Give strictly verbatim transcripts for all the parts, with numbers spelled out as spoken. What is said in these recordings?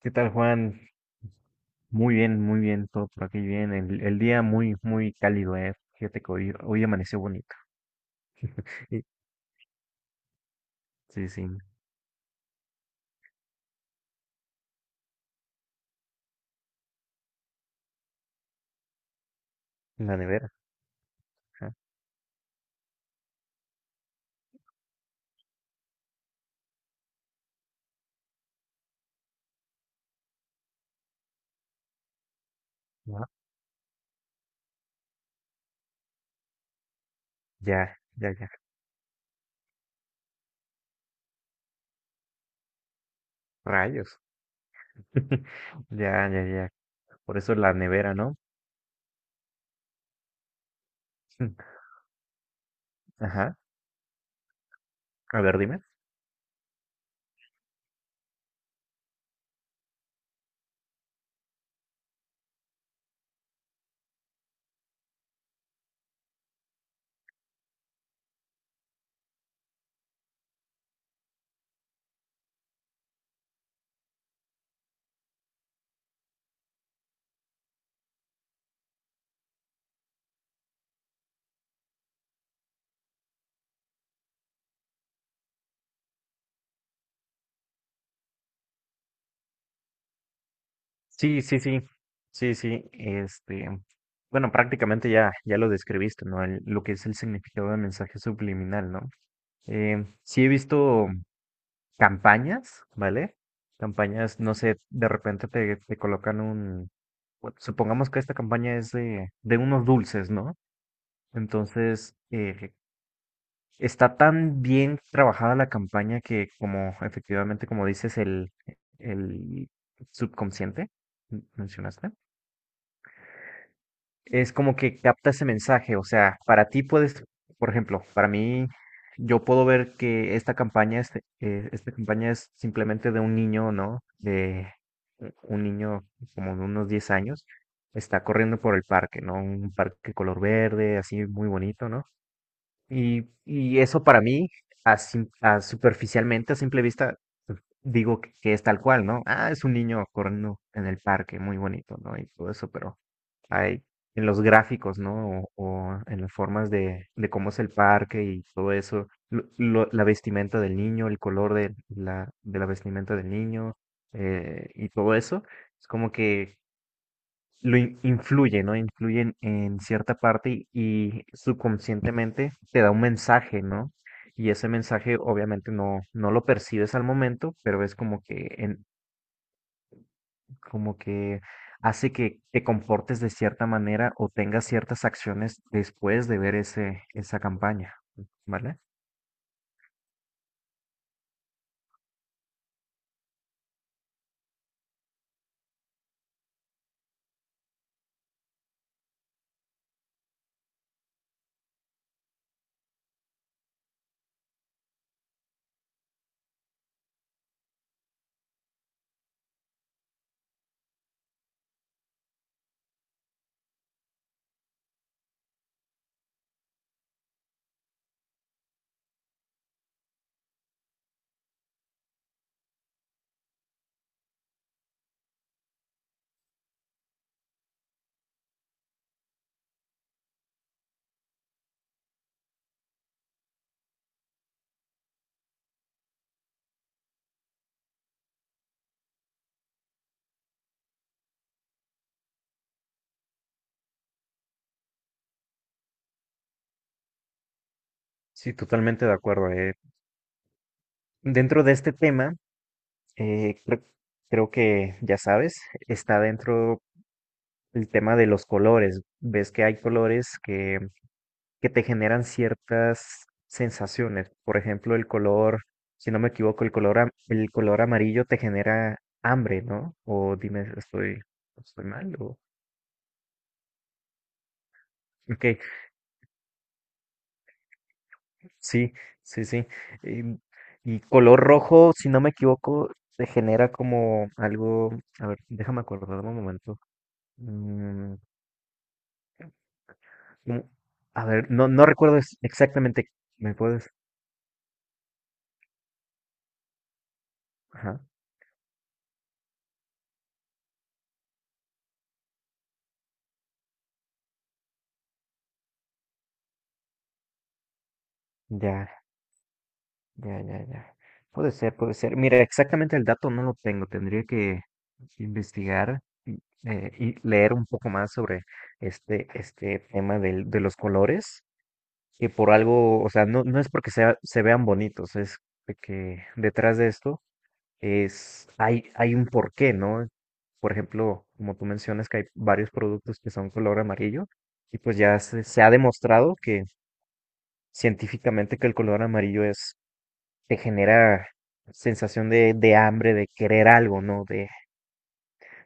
¿Qué tal, Juan? Muy bien, muy bien, todo por aquí bien. El, el día muy, muy cálido, ¿eh? Fíjate que hoy, hoy amaneció bonito. Sí, sí, sí, en la nevera. Ajá, ¿no? Ya, ya, ya, rayos. Ya, ya, ya. Por eso la nevera, ¿no? Ajá. A ver, dime. Sí, sí, sí. Sí, sí. Este, bueno, prácticamente ya, ya lo describiste, ¿no? El- lo que es el significado del mensaje subliminal, ¿no? Eh, sí he visto campañas, ¿vale? Campañas, no sé, de repente te, te colocan un, bueno, supongamos que esta campaña es de, de unos dulces, ¿no? Entonces, eh, está tan bien trabajada la campaña que como efectivamente, como dices, el, el subconsciente, m- mencionaste es como que capta ese mensaje. O sea, para ti puedes, por ejemplo, para mí, yo puedo ver que esta campaña es, eh, esta campaña es simplemente de un niño, ¿no? De u- un niño como de unos diez años, está corriendo por el parque, ¿no? Un parque color verde, así muy bonito, ¿no? Y, y eso para mí, a, sim- a superficialmente, a simple vista, digo que, que es tal cual, ¿no? Ah, es un niño corriendo en el parque, muy bonito, ¿no? Y todo eso, pero hay en los gráficos, ¿no? O, o en las formas de, de cómo es el parque y todo eso, lo- lo- la vestimenta del niño, el color de la, de la vestimenta del niño eh, y todo eso, es como que lo in- influye, ¿no? Influye en, en cierta parte y, y subconscientemente te da un mensaje, ¿no? Y ese mensaje obviamente no, no lo percibes al momento, pero es como que en, como que hace que te comportes de cierta manera o tengas ciertas acciones después de ver ese, esa campaña, ¿vale? Sí, totalmente de acuerdo. eh. Dentro de este tema, eh, creo, creo que ya sabes, está dentro el tema de los colores. Ves que hay colores que, que te generan ciertas sensaciones. Por ejemplo, el color, si no me equivoco, el color, am- el color amarillo te genera hambre, ¿no? O dime, estoy, estoy mal o... Ok, sí, sí, sí. Em, Y, color rojo, si no me equivoco, se genera como algo. A ver, déjame acordar un momento. Mm, como- a ver, no, no recuerdo ex- exactamente. ¿Me puedes? Ajá. Ya, ya, ya, ya. Puede ser, puede ser. Mira, exactamente el dato no lo tengo. Tendría que investigar y eh, y leer un poco más sobre este, este tema del- de los colores. Que por algo, o sea, no, no es porque sea- se vean bonitos, es de que detrás de esto es, hay, hay un porqué, ¿no? Por ejemplo, como tú mencionas que hay varios productos que son color amarillo, y pues ya se, se ha demostrado que científicamente que el color amarillo es, te genera sensación de, de hambre, de querer algo, ¿no? De,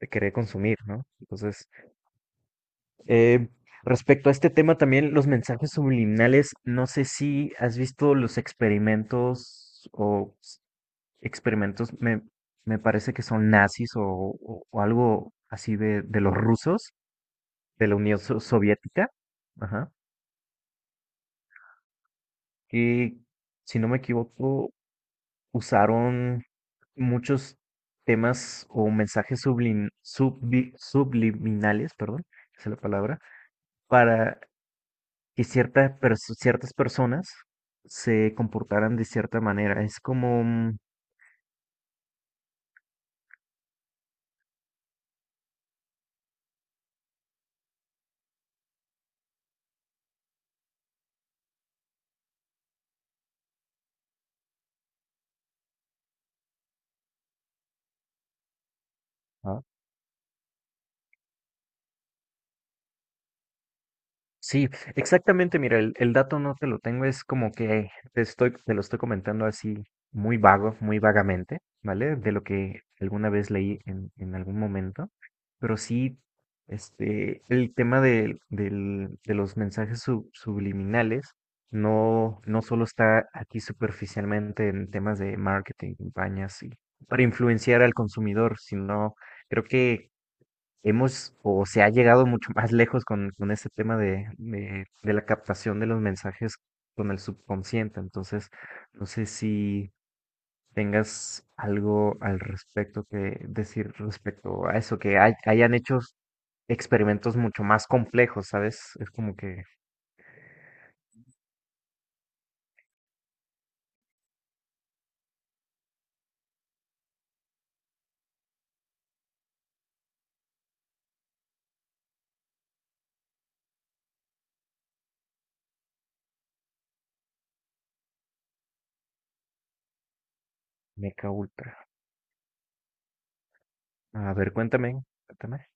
de querer consumir, ¿no? Entonces, Eh, respecto a este tema también, los mensajes subliminales, no sé si has visto los experimentos o s- experimentos, me, me parece que son nazis o, o- o algo así de, de los rusos, de la Unión So- Soviética, ajá, que si no me equivoco, usaron muchos temas o mensajes sublin- subli- subliminales, perdón, esa es la palabra, para que ciertas, pers- ciertas personas se comportaran de cierta manera. Es como, mm, ah, sí, exactamente. Mira, el, el dato no te lo tengo, es como que te estoy, te lo estoy comentando así muy vago, muy vagamente, ¿vale? De lo que alguna vez leí en, en algún momento. Pero sí, este, el tema de, del- de los mensajes sub- subliminales no, no solo está aquí superficialmente en temas de marketing, campañas y para influenciar al consumidor, sino creo que hemos o se ha llegado mucho más lejos con, con ese tema de, de, de la captación de los mensajes con el subconsciente. Entonces, no sé si tengas algo al respecto que decir respecto a eso, que hay- hayan hecho experimentos mucho más complejos, ¿sabes? Es como que meca ultra. A ver, cuéntame, cuéntame.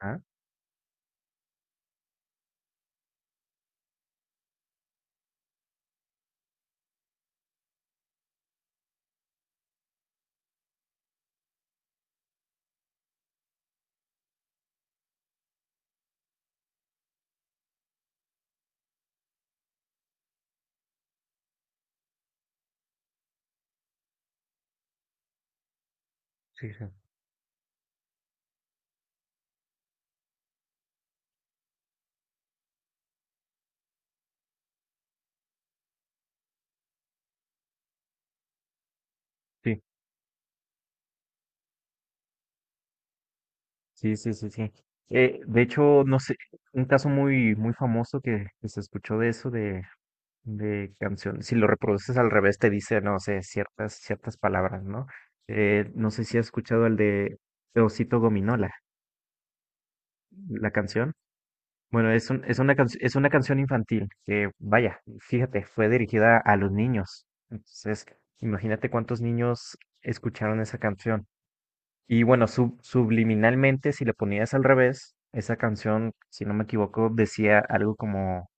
Ah, sí, sí. Sí, sí, sí, sí. Sí. Eh, de hecho, no sé, un caso muy, muy famoso que, que se escuchó de eso, de canciones. Si lo reproduces al revés, te dice, no sé, ciertas, ciertas palabras, ¿no? Eh, no sé si has escuchado el de Osito Gominola, la canción. Bueno, es un, es una can- es una canción infantil que, vaya, fíjate, fue dirigida a los niños. Entonces, imagínate cuántos niños escucharon esa canción. Y bueno, sub- subliminalmente, si le ponías al revés, esa canción, si no me equivoco, decía algo como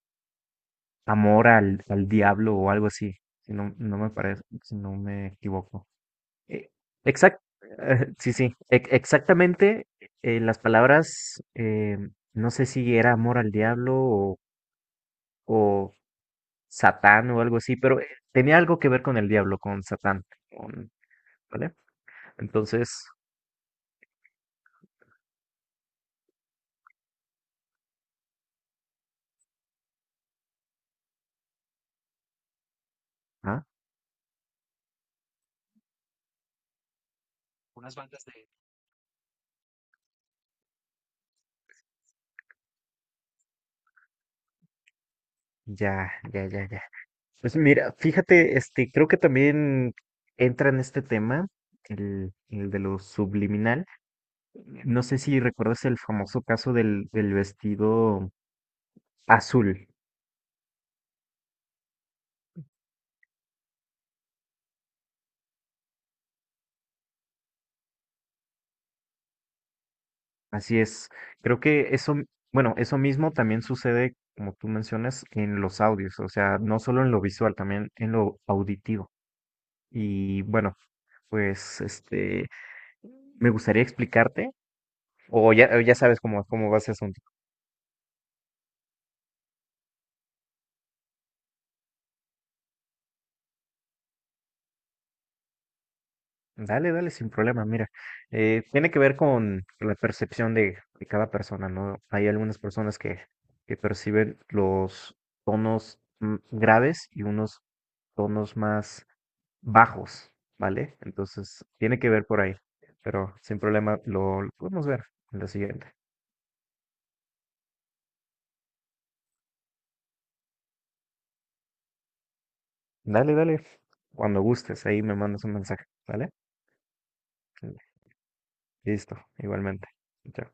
Amor al, al diablo o algo así, si no, no me parece, si no me equivoco. Eh, exact, eh, sí, sí, ex- exactamente eh, las palabras, eh, no sé si era amor al diablo o, o Satán o algo así, pero eh, tenía algo que ver con el diablo, con Satán, con- ¿vale? Entonces, ah, unas bandas de... Ya, ya, ya, ya. Pues mira, fíjate, este, creo que también entra en este tema, el, el de lo subliminal. No sé si recuerdas el famoso caso del, del vestido azul. Así es. Creo que eso, bueno, eso mismo también sucede, como tú mencionas, en los audios, o sea, no solo en lo visual, también en lo auditivo. Y bueno, pues este, me gustaría explicarte, o ya, o ya sabes cómo, cómo va ese asunto. Dale, dale, sin problema. Mira, eh, tiene que ver con la percepción de, de cada persona, ¿no? Hay algunas personas que, que perciben los tonos mm, graves y unos tonos más bajos, ¿vale? Entonces, tiene que ver por ahí, pero sin problema lo, lo podemos ver en la siguiente. Dale, dale, cuando gustes, ahí me mandas un mensaje, ¿vale? Listo, igualmente. Chao.